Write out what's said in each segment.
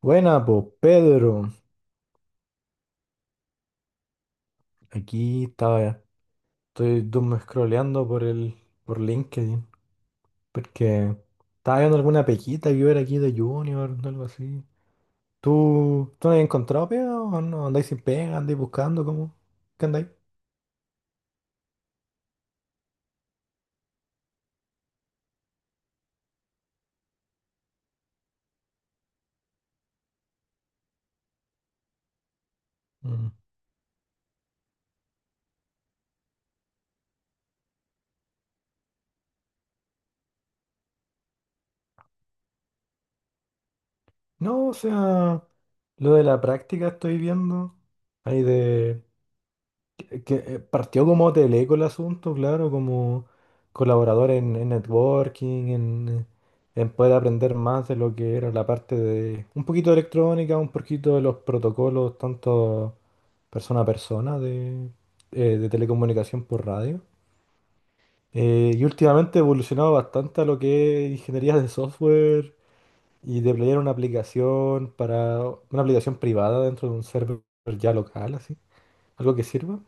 Buena, pues Pedro. Aquí estaba, estoy doom scrolleando por LinkedIn, porque estaba viendo alguna pequita que ver aquí de Junior o algo así. ¿Tú no has encontrado pega o no? ¿Andáis sin pega? ¿Andáis buscando? ¿Cómo? ¿Qué andáis? Mm. No, o sea, lo de la práctica estoy viendo. Ahí de, que partió como Teleco el asunto, claro, como colaborador en networking, en poder aprender más de lo que era la parte de un poquito de electrónica, un poquito de los protocolos, tanto persona a persona de telecomunicación por radio. Y últimamente he evolucionado bastante a lo que es ingeniería de software y deployar una aplicación para una aplicación privada dentro de un server ya local, así, algo que sirva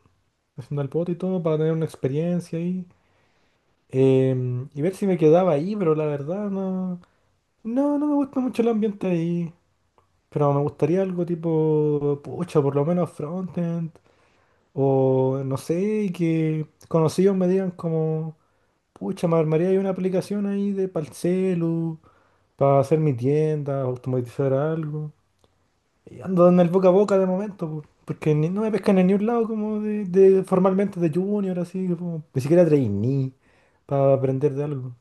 haciendo el bote y todo para tener una experiencia ahí. Y ver si me quedaba ahí, pero la verdad no me gusta mucho el ambiente ahí. Pero me gustaría algo tipo, pucha, por lo menos frontend. O no sé, que conocidos me digan como, pucha, me armaría ahí una aplicación ahí de para el celu, para hacer mi tienda, automatizar algo. Y ando en el boca a boca de momento, po, porque no me pescan en ningún lado como formalmente de junior, así como ni siquiera trainee para aprender de algo.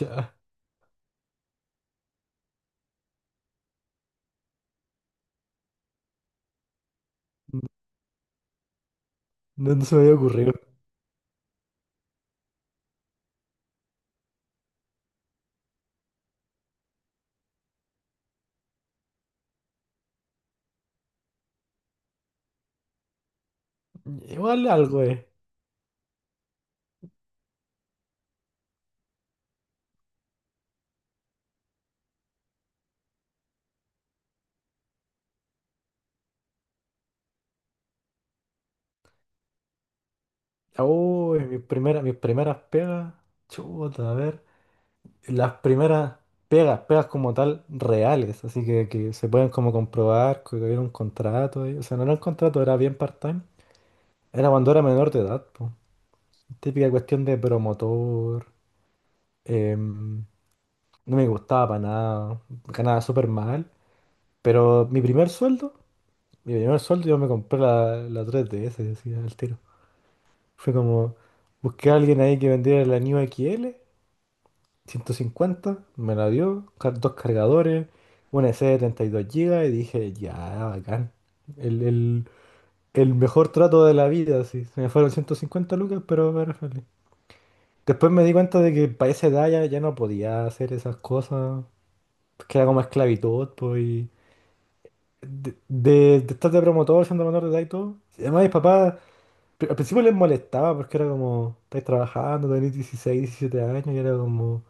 Ya, no, no se me había ocurrido. Igual algo es. Uy, mis primeras pegas. Chuta, a ver. Las primeras pegas, pegas como tal, reales. Así que se pueden como comprobar que había un contrato ahí. O sea, no era un contrato, era bien part-time. Era cuando era menor de edad, po. Típica cuestión de promotor. Em, no me gustaba para nada, ganaba súper mal. Pero mi primer sueldo yo me compré la 3DS, decía al tiro. Fue como, busqué a alguien ahí que vendiera la New XL, 150, me la dio, dos cargadores, una SD de 32 GB y dije, ya, bacán. El, el, el mejor trato de la vida, sí. Se me fueron 150 lucas, pero me era feliz. Después me di cuenta de que para esa edad ya no podía hacer esas cosas. Pues queda como esclavitud, pues, y de estar de promotor, siendo menor de edad y todo. Además, mis papás al principio les molestaba porque era como, estáis trabajando, tenéis 16 17 años, y era como,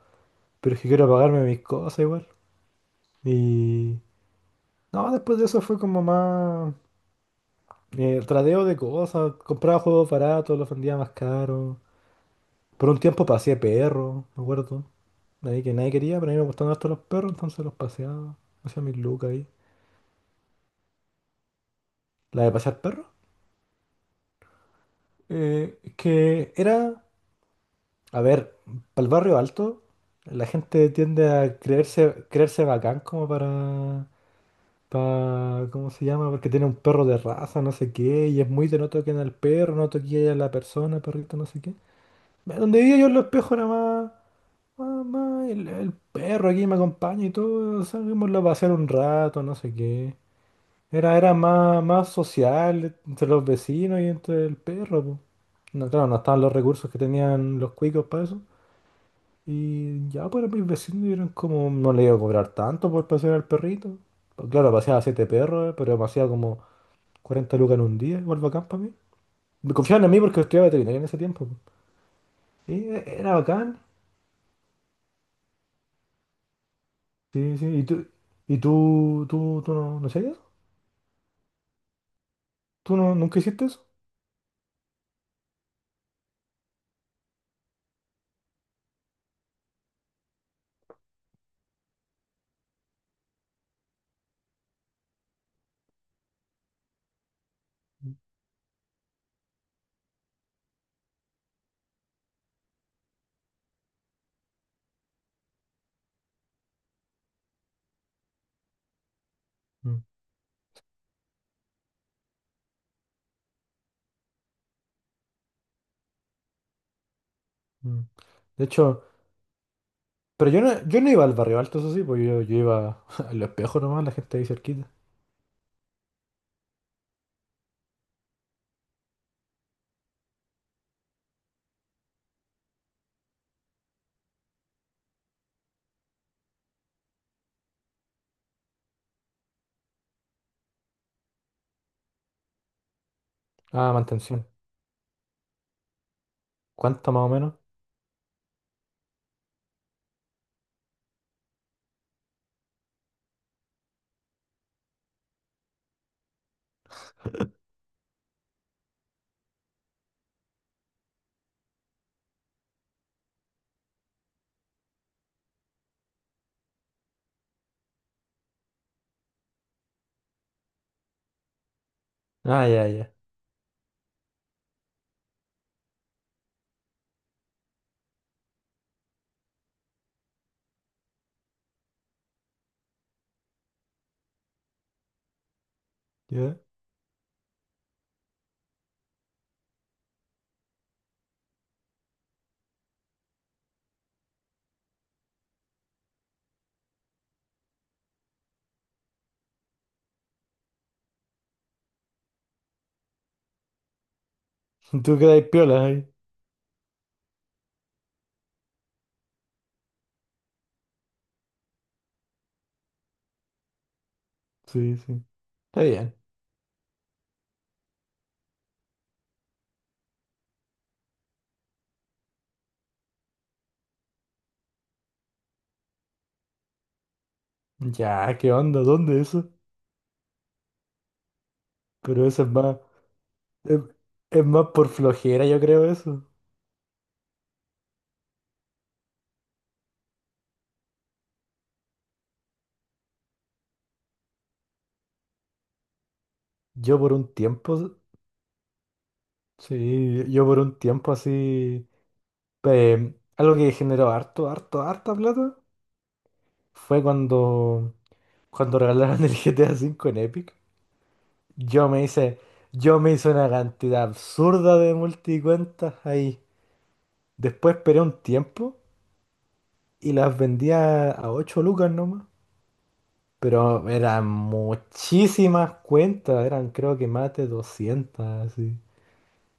pero es que quiero pagarme mis cosas igual. Y. No, después de eso fue como más, tradeo de cosas, compraba juegos baratos, los vendía más caros. Por un tiempo pasé perro, me acuerdo. Ahí que nadie quería, pero a mí me gustaban harto los perros, entonces los paseaba. Hacía mis lucas ahí. ¿La de pasear perros? Que era, a ver, para el barrio alto, la gente tiende a creerse, creerse bacán como para, ¿cómo se llama? Porque tiene un perro de raza, no sé qué, y es muy de no toquen al perro, no toquen a la persona, perrito, no sé qué. Donde vivía yo en los espejos era más, el perro aquí me acompaña y todo, salimos a pasear un rato, no sé qué. Era más, social entre los vecinos y entre el perro, po. No, claro, no estaban los recursos que tenían los cuicos para eso. Y ya, pues mis vecinos eran como, no le iba a cobrar tanto por pasear al perrito. Pues, claro, paseaba siete perros, pero me hacía como 40 lucas en un día, igual bacán para mí. Me confiaban en mí porque estudiaba veterinaria en ese tiempo, po. Y era bacán. Sí, sí. ¿Y tú no hacías eso? ¿Tú no, nunca hiciste eso? Mm, mm. De hecho. Pero yo no iba al barrio alto, eso sí, pues yo iba al espejo nomás, la gente ahí cerquita. Ah, mantención. ¿Cuánto más o menos? Ah, ya, ya. Ya. Tú quedas piola ahí. Sí, sí. Está bien. Ya, ¿qué onda? ¿Dónde eso? Pero eso es es, más por flojera, yo creo eso. Yo por un tiempo, sí, yo por un tiempo así, algo que generó harto, harto, harta plata fue cuando, regalaron el GTA V en Epic. Yo me hice, yo me hice una cantidad absurda de multicuentas ahí. Después esperé un tiempo y las vendía a 8 lucas nomás. Pero eran muchísimas cuentas, eran creo que más de 200 así.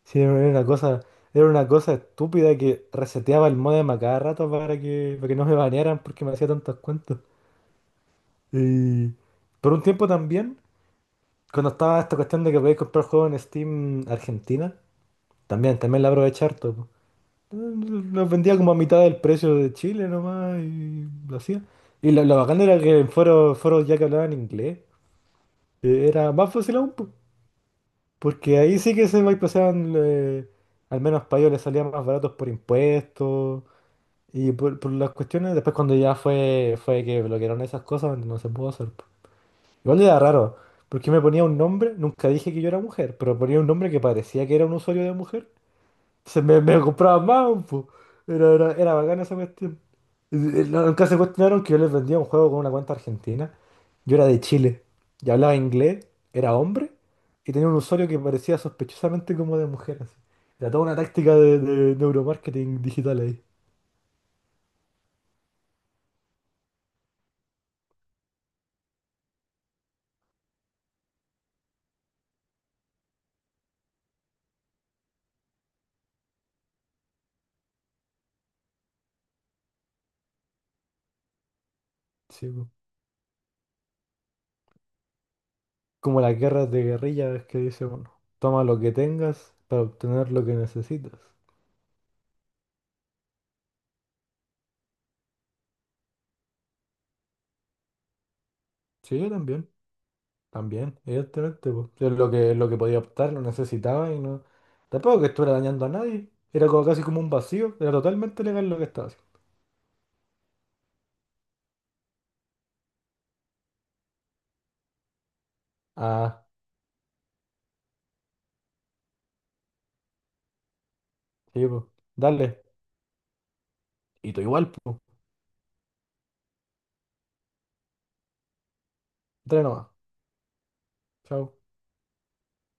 Sí, era una cosa estúpida que reseteaba el modem a cada rato para que no me banearan porque me hacía tantas cuentas. Y por un tiempo también, cuando estaba esta cuestión de que podéis comprar juegos en Steam Argentina. También la aproveché harto, po. Los vendía como a mitad del precio de Chile nomás y lo hacía. Y lo bacán era que en foros, ya que hablaban inglés, era más fácil aún, po. Porque ahí sí que se bypasaban, al menos para ellos les salían más baratos por impuestos y por las cuestiones. Después cuando ya fue que bloquearon esas cosas, no se pudo hacer, po. Igual era raro, porque me ponía un nombre, nunca dije que yo era mujer, pero ponía un nombre que parecía que era un usuario de mujer. Se me compraba más, po. Era bacana esa cuestión. Nunca se cuestionaron que yo les vendía un juego con una cuenta argentina. Yo era de Chile y hablaba inglés, era hombre y tenía un usuario que parecía sospechosamente como de mujer, así. Era toda una táctica de neuromarketing digital ahí. Sí, po. Como las guerras de guerrillas que dice uno. Toma lo que tengas para obtener lo que necesitas. Sí, yo también. También, evidentemente, pues. Es lo que podía optar, lo necesitaba y no. Tampoco que estuviera dañando a nadie. Era como casi como un vacío. Era totalmente legal lo que estaba haciendo. Ah, sí, pues. Dale. Y tú igual, pues. Dale nomás. Chao.